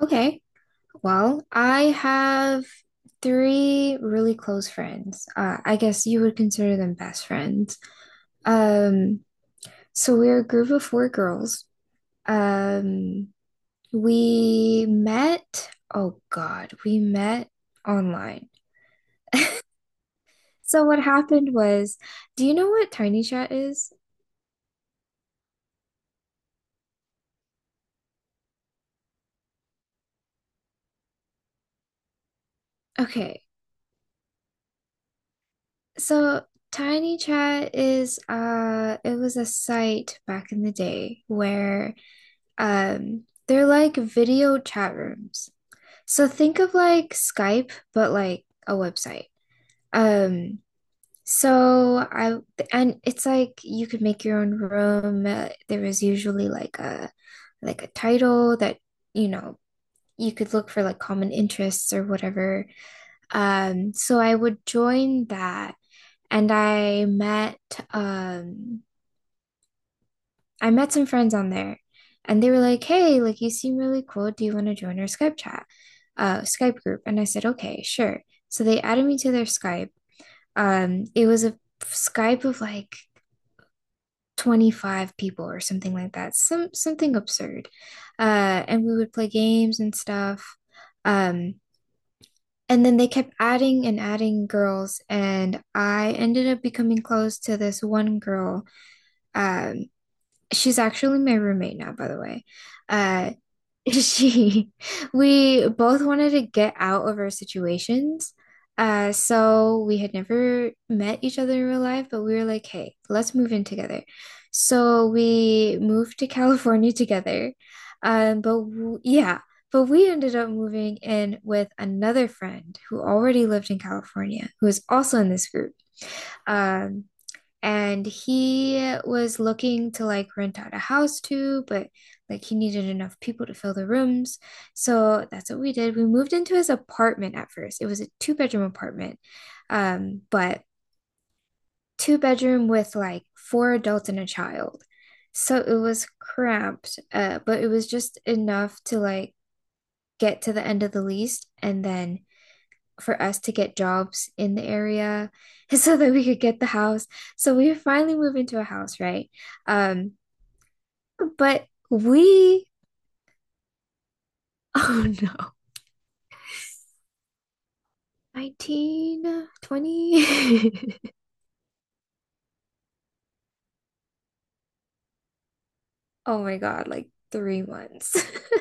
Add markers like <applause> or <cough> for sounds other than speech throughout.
Okay. Well, I have three really close friends. I guess you would consider them best friends. Um, so we're a group of four girls. Um, we met, oh God, we met online. So what happened was, do you know what Tiny Chat is? Okay. So Tiny Chat is it was a site back in the day where they're like video chat rooms. So think of like Skype, but like a website. Um, so I and it's like you could make your own room. There was usually like a title that you know you could look for like common interests or whatever. So I would join that and um I met some friends on there, and they were like, hey, like you seem really cool. Do you want to join our Skype chat, Skype group? And I said, okay, sure. So they added me to their Skype. It was a Skype of like 25 people or something like that, something absurd. And we would play games and stuff. Um, and then they kept adding and adding girls, and I ended up becoming close to this one girl. Um, she's actually my roommate now, by the way. Uh, <laughs> She, we both wanted to get out of our situations. So we had never met each other in real life, but we were like, hey, let's move in together. So we moved to <laughs> California together. But w yeah, but we ended up moving in with another friend who already lived in California, who was also in this group. Um, and he was looking to like rent out a house too, but like he needed enough people to fill the rooms. So that's what we did. We moved into his apartment at first. It was a two-bedroom apartment, but two-bedroom with like four adults and a child. So it was cramped, but it was just enough to like get to the end of the lease and then for us to get jobs in the area <laughs> so that we could get the house. So we finally moved into a house, right? Um, but we, <laughs> oh no, 19, 20. <laughs> Oh my God, like 3 months. <laughs>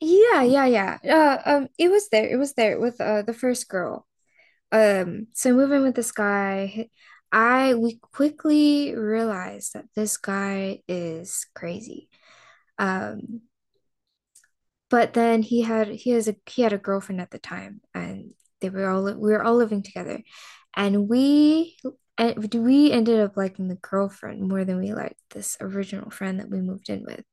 Yeah, yeah, yeah. It was there. It was there with the first girl. So moving with this guy, I we quickly realized that this guy is crazy. Um, But then he had a girlfriend at the time, and they were all we were all living together, and we ended up liking the girlfriend more than we liked this original friend that we moved in with.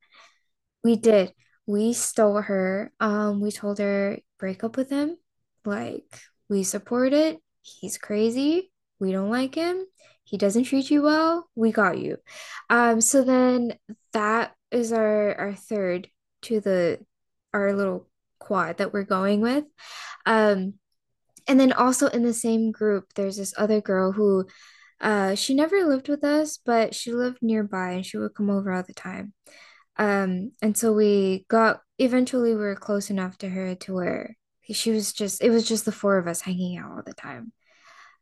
We did. We stole her. We told her break up with him. Like, we support it. He's crazy. We don't like him. He doesn't treat you well. We got you. So then that is our third to the our little quad that we're going with. Um, and then also in the same group, there's this other girl who she never lived with us, but she lived nearby and she would come over all the time. And so we got eventually we were close enough to her to where she was just it was just the four of us hanging out all the time.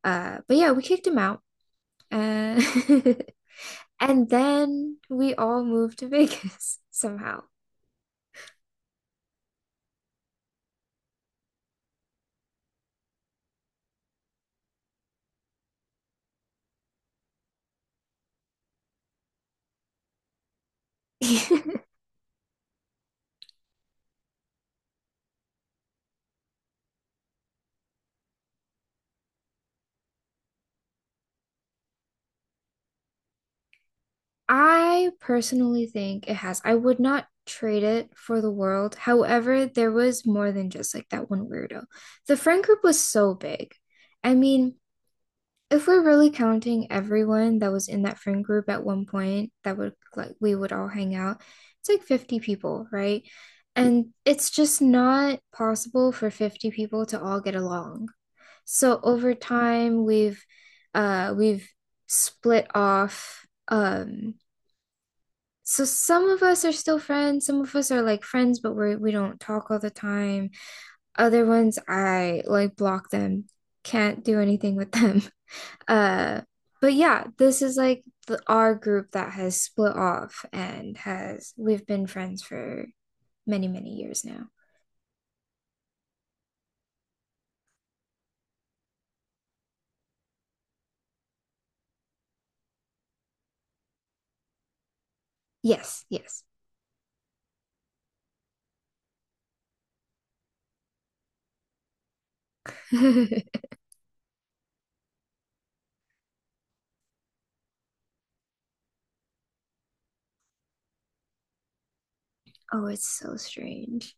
But yeah, we kicked him out. Uh, <laughs> and then we all moved to Vegas somehow. <laughs> I personally think it has. I would not trade it for the world. However, there was more than just like that one weirdo. The friend group was so big. I mean, if we're really counting everyone that was in that friend group at one point, that would like we would all hang out, it's like 50 people, right? And it's just not possible for 50 people to all get along. So over time, we've split off, um so some of us are still friends, some of us are like friends, but we do not talk all the time. Other ones I like block them, can't do anything with them. Uh, but yeah, this is like our group that has split off and has we've been friends for many, many years now. Yes, yes. <laughs> Oh, it's so strange.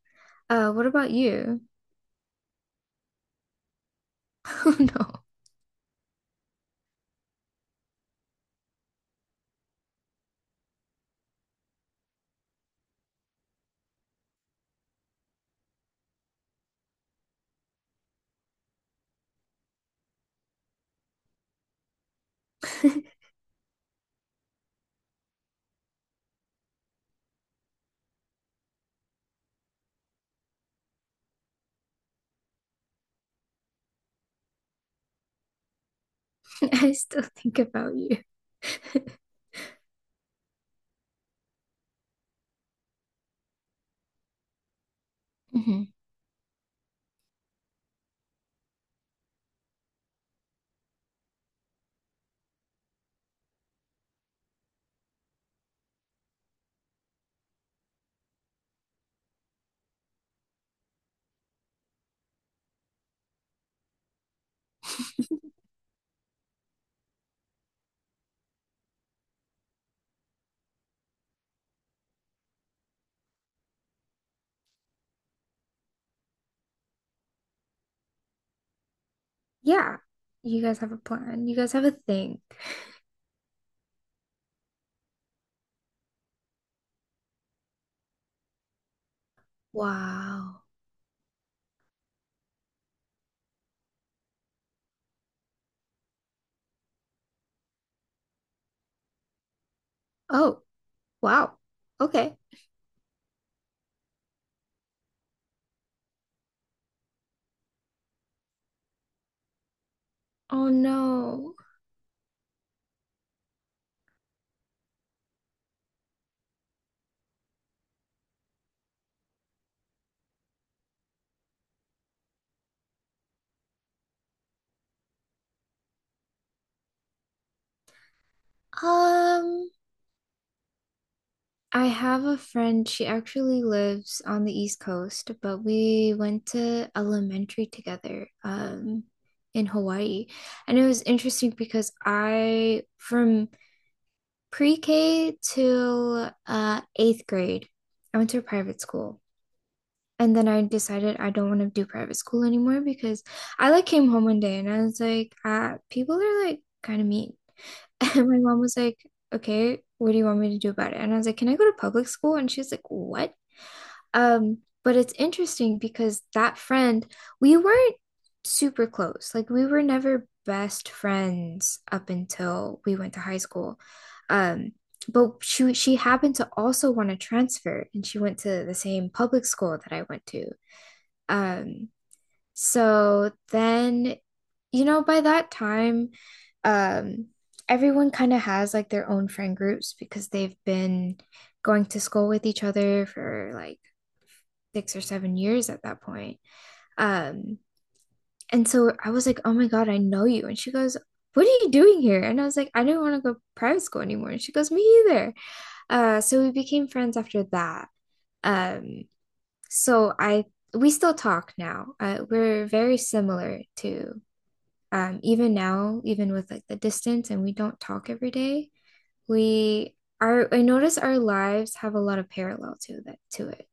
What about you? <laughs> Oh no. <laughs> I still think about you. <laughs> Mhm. Yeah, you guys have a plan. You guys have a thing. Wow. Oh, wow. Okay. Oh no. Um, I have a friend, she actually lives on the East Coast, but we went to elementary together, in Hawaii. And it was interesting because I, from pre-K to eighth grade, I went to a private school. And then I decided I don't want to do private school anymore because I like came home one day and I was like, ah, people are like kind of mean. <laughs> And my mom was like, okay, what do you want me to do about it? And I was like, can I go to public school? And she was like, what? Um, but it's interesting because that friend, we weren't super close. Like we were never best friends up until we went to high school. Um, but she happened to also want to transfer and she went to the same public school that I went to. Um, so then, by that time, um, everyone kind of has like their own friend groups because they've been going to school with each other for like 6 or 7 years at that point. Um, and so I was like, oh my God, I know you. And she goes, what are you doing here? And I was like, I didn't want to go private school anymore. And she goes, me either. So we became friends after that. Um, So I we still talk now. We're very similar to even now, even with like the distance, and we don't talk every day. We are. I notice our lives have a lot of parallel to that to it.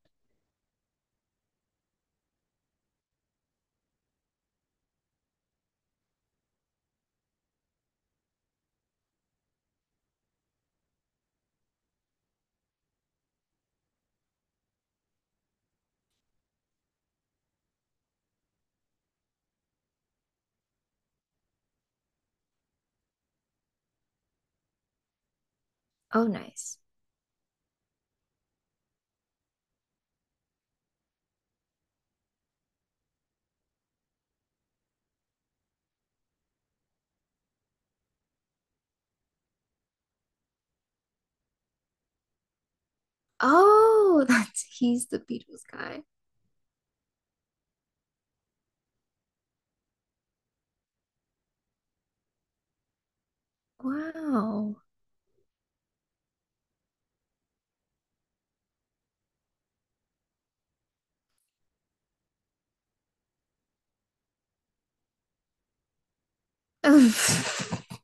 Oh, nice. Oh, <laughs> that's he's the Beatles guy. Wow. <laughs>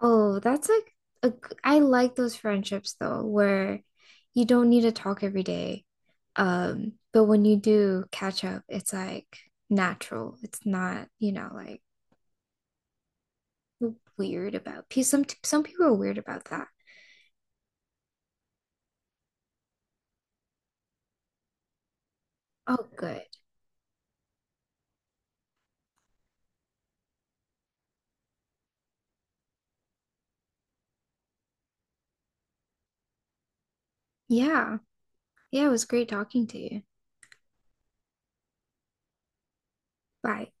Oh, that's like I like those friendships though, where you don't need to talk every day. But when you do catch up, it's like natural. It's not, like weird about. Pe Some people are weird about that. Oh, good. Yeah. Yeah, it was great talking to you. Bye.